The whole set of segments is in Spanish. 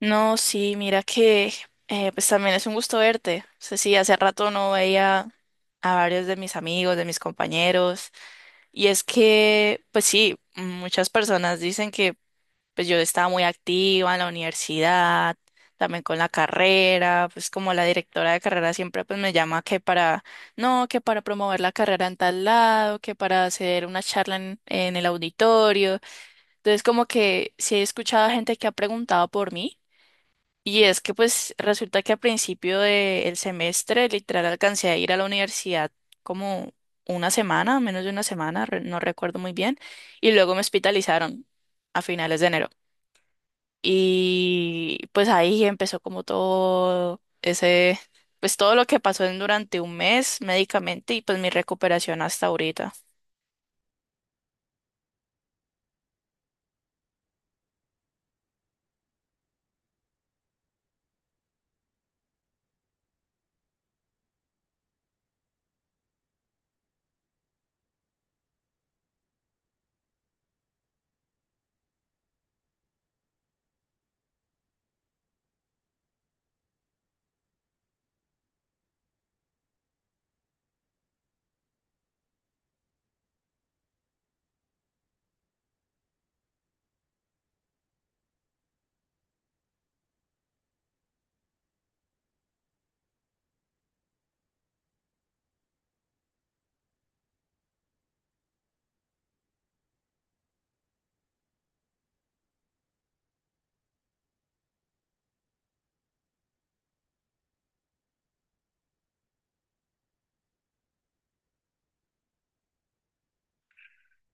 No, sí, mira que pues también es un gusto verte. O sea, sí, hace rato no veía a varios de mis amigos, de mis compañeros. Y es que, pues sí, muchas personas dicen que pues yo estaba muy activa en la universidad, también con la carrera, pues como la directora de carrera siempre pues me llama que para, no, que para promover la carrera en tal lado, que para hacer una charla en el auditorio. Entonces como que sí he escuchado a gente que ha preguntado por mí, y es que pues resulta que al principio del semestre literal alcancé a ir a la universidad como una semana, menos de una semana, no recuerdo muy bien, y luego me hospitalizaron a finales de enero. Y pues ahí empezó como todo ese, pues todo lo que pasó en durante un mes médicamente y pues mi recuperación hasta ahorita.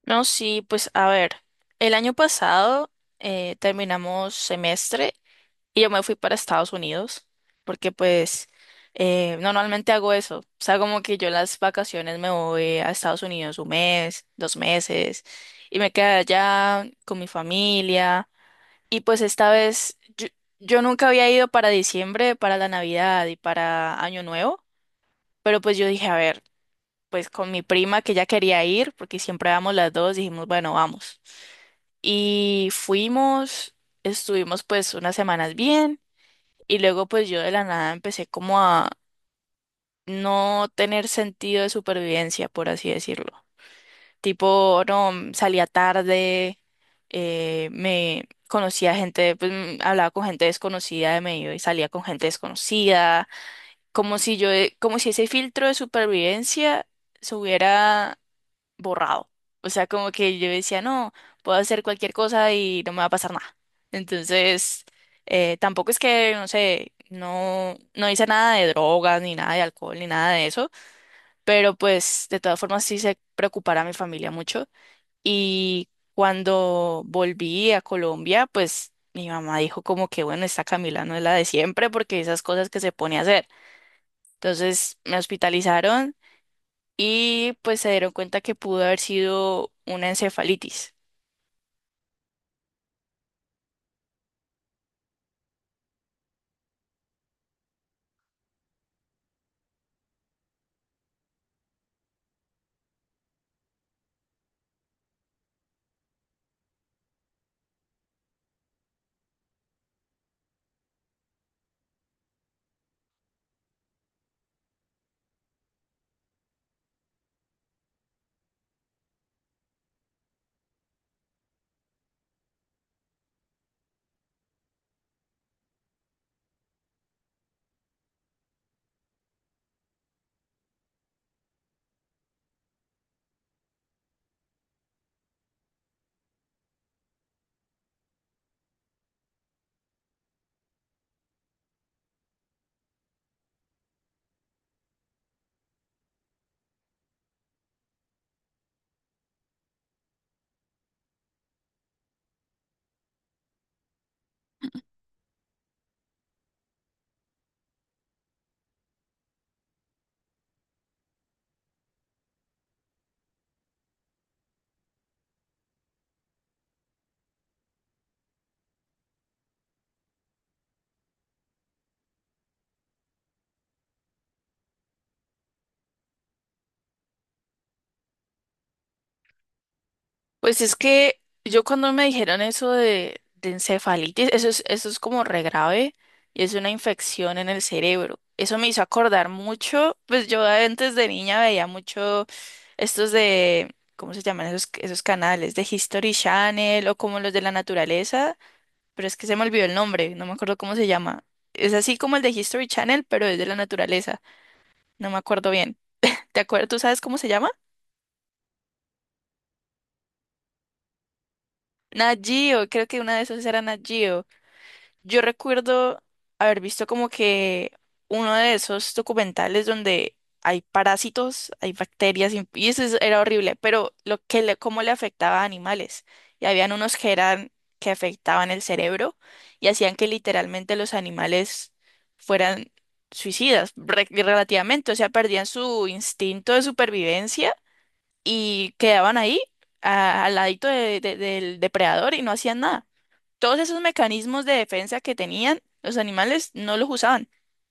No, sí, pues a ver, el año pasado terminamos semestre. Y yo me fui para Estados Unidos porque pues normalmente hago eso. O sea, como que yo en las vacaciones me voy a Estados Unidos un mes, dos meses, y me quedé allá con mi familia. Y pues esta vez yo nunca había ido para diciembre, para la Navidad y para Año Nuevo, pero pues yo dije, a ver, pues con mi prima que ya quería ir porque siempre vamos las dos, dijimos, bueno, vamos. Y fuimos, estuvimos pues unas semanas bien. Y luego pues yo de la nada empecé como a no tener sentido de supervivencia, por así decirlo. Tipo, no, salía tarde, me conocía gente, pues hablaba con gente desconocida de medio y salía con gente desconocida, como si como si ese filtro de supervivencia se hubiera borrado. O sea, como que yo decía, no, puedo hacer cualquier cosa y no me va a pasar nada. Entonces, tampoco es que, no sé, no, no hice nada de drogas, ni nada de alcohol, ni nada de eso, pero pues de todas formas sí se preocupara a mi familia mucho. Y cuando volví a Colombia, pues mi mamá dijo como que, bueno, esta Camila no es la de siempre porque esas cosas que se pone a hacer. Entonces me hospitalizaron y pues se dieron cuenta que pudo haber sido una encefalitis. Pues es que yo cuando me dijeron eso de encefalitis, eso es como re grave y es una infección en el cerebro. Eso me hizo acordar mucho, pues yo antes de niña veía mucho estos de, ¿cómo se llaman esos canales? De History Channel o como los de la naturaleza, pero es que se me olvidó el nombre, no me acuerdo cómo se llama. Es así como el de History Channel, pero es de la naturaleza, no me acuerdo bien. ¿Te acuerdas? ¿Tú sabes cómo se llama? Nat Geo, creo que una de esas era Nat Geo. Yo recuerdo haber visto como que uno de esos documentales donde hay parásitos, hay bacterias, y era horrible, pero cómo le afectaba a animales. Y habían unos que eran que afectaban el cerebro y hacían que literalmente los animales fueran suicidas, relativamente, o sea, perdían su instinto de supervivencia y quedaban ahí al ladito del depredador y no hacían nada. Todos esos mecanismos de defensa que tenían los animales no los usaban.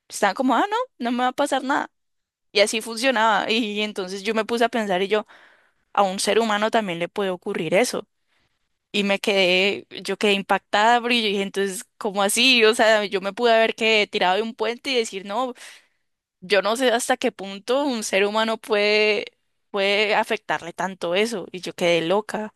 Estaban como, ah, no, no me va a pasar nada. Y así funcionaba. Y entonces yo me puse a pensar y yo, a un ser humano también le puede ocurrir eso. Y me quedé, yo quedé impactada, porque yo dije, entonces, ¿cómo así? O sea, yo me pude haber que tirado de un puente y decir, no, yo no sé hasta qué punto un ser humano puede afectarle tanto eso. Y yo quedé loca.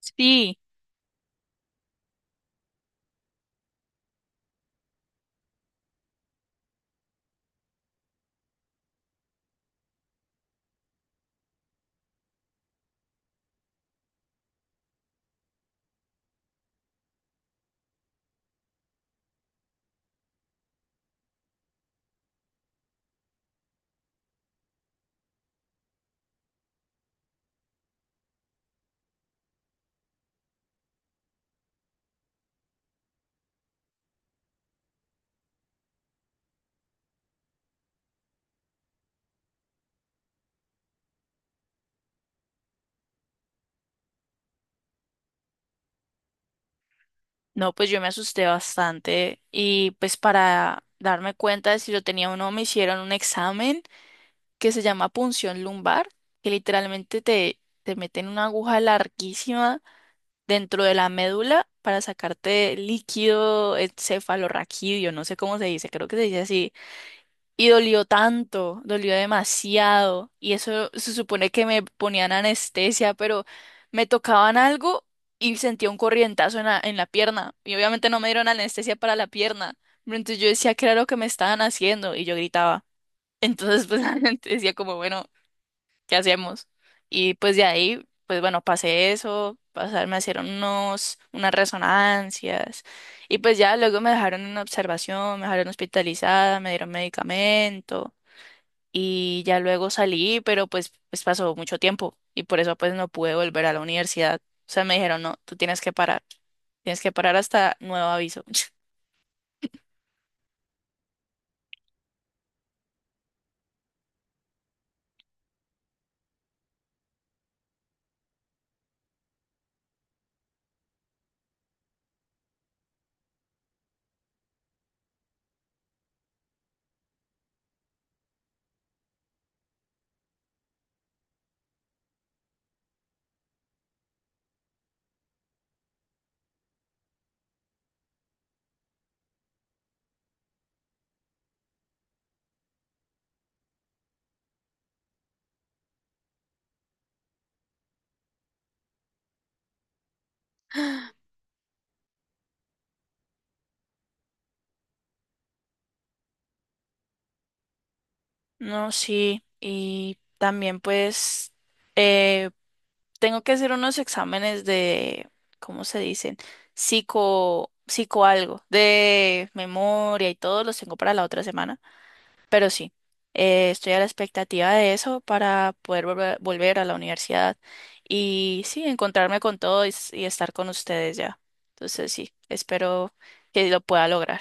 Sí, no, pues yo me asusté bastante y pues para darme cuenta de si lo tenía o no me hicieron un examen que se llama punción lumbar, que literalmente te meten una aguja larguísima dentro de la médula para sacarte líquido encefalorraquídeo, no sé cómo se dice, creo que se dice así. Y dolió tanto, dolió demasiado. Y eso se supone que me ponían anestesia, pero me tocaban algo y sentía un corrientazo en la pierna. Y obviamente no me dieron anestesia para la pierna. Pero entonces yo decía que era lo que me estaban haciendo y yo gritaba. Entonces pues la gente decía como, bueno, ¿qué hacemos? Y pues de ahí, pues bueno, pasé eso, pasar, me hicieron unas resonancias. Y pues ya luego me dejaron en observación, me dejaron hospitalizada, me dieron medicamento y ya luego salí, pero pues pasó mucho tiempo y por eso pues no pude volver a la universidad. O sea, me dijeron, no, tú tienes que parar hasta nuevo aviso. No, sí, y también pues eh, tengo que hacer unos exámenes de, ¿cómo se dicen? Psico, psico algo, de memoria y todo, los tengo para la otra semana. Pero sí, estoy a la expectativa de eso para poder volver a la universidad y sí, encontrarme con todo y, y estar con ustedes ya. Entonces sí, espero que lo pueda lograr.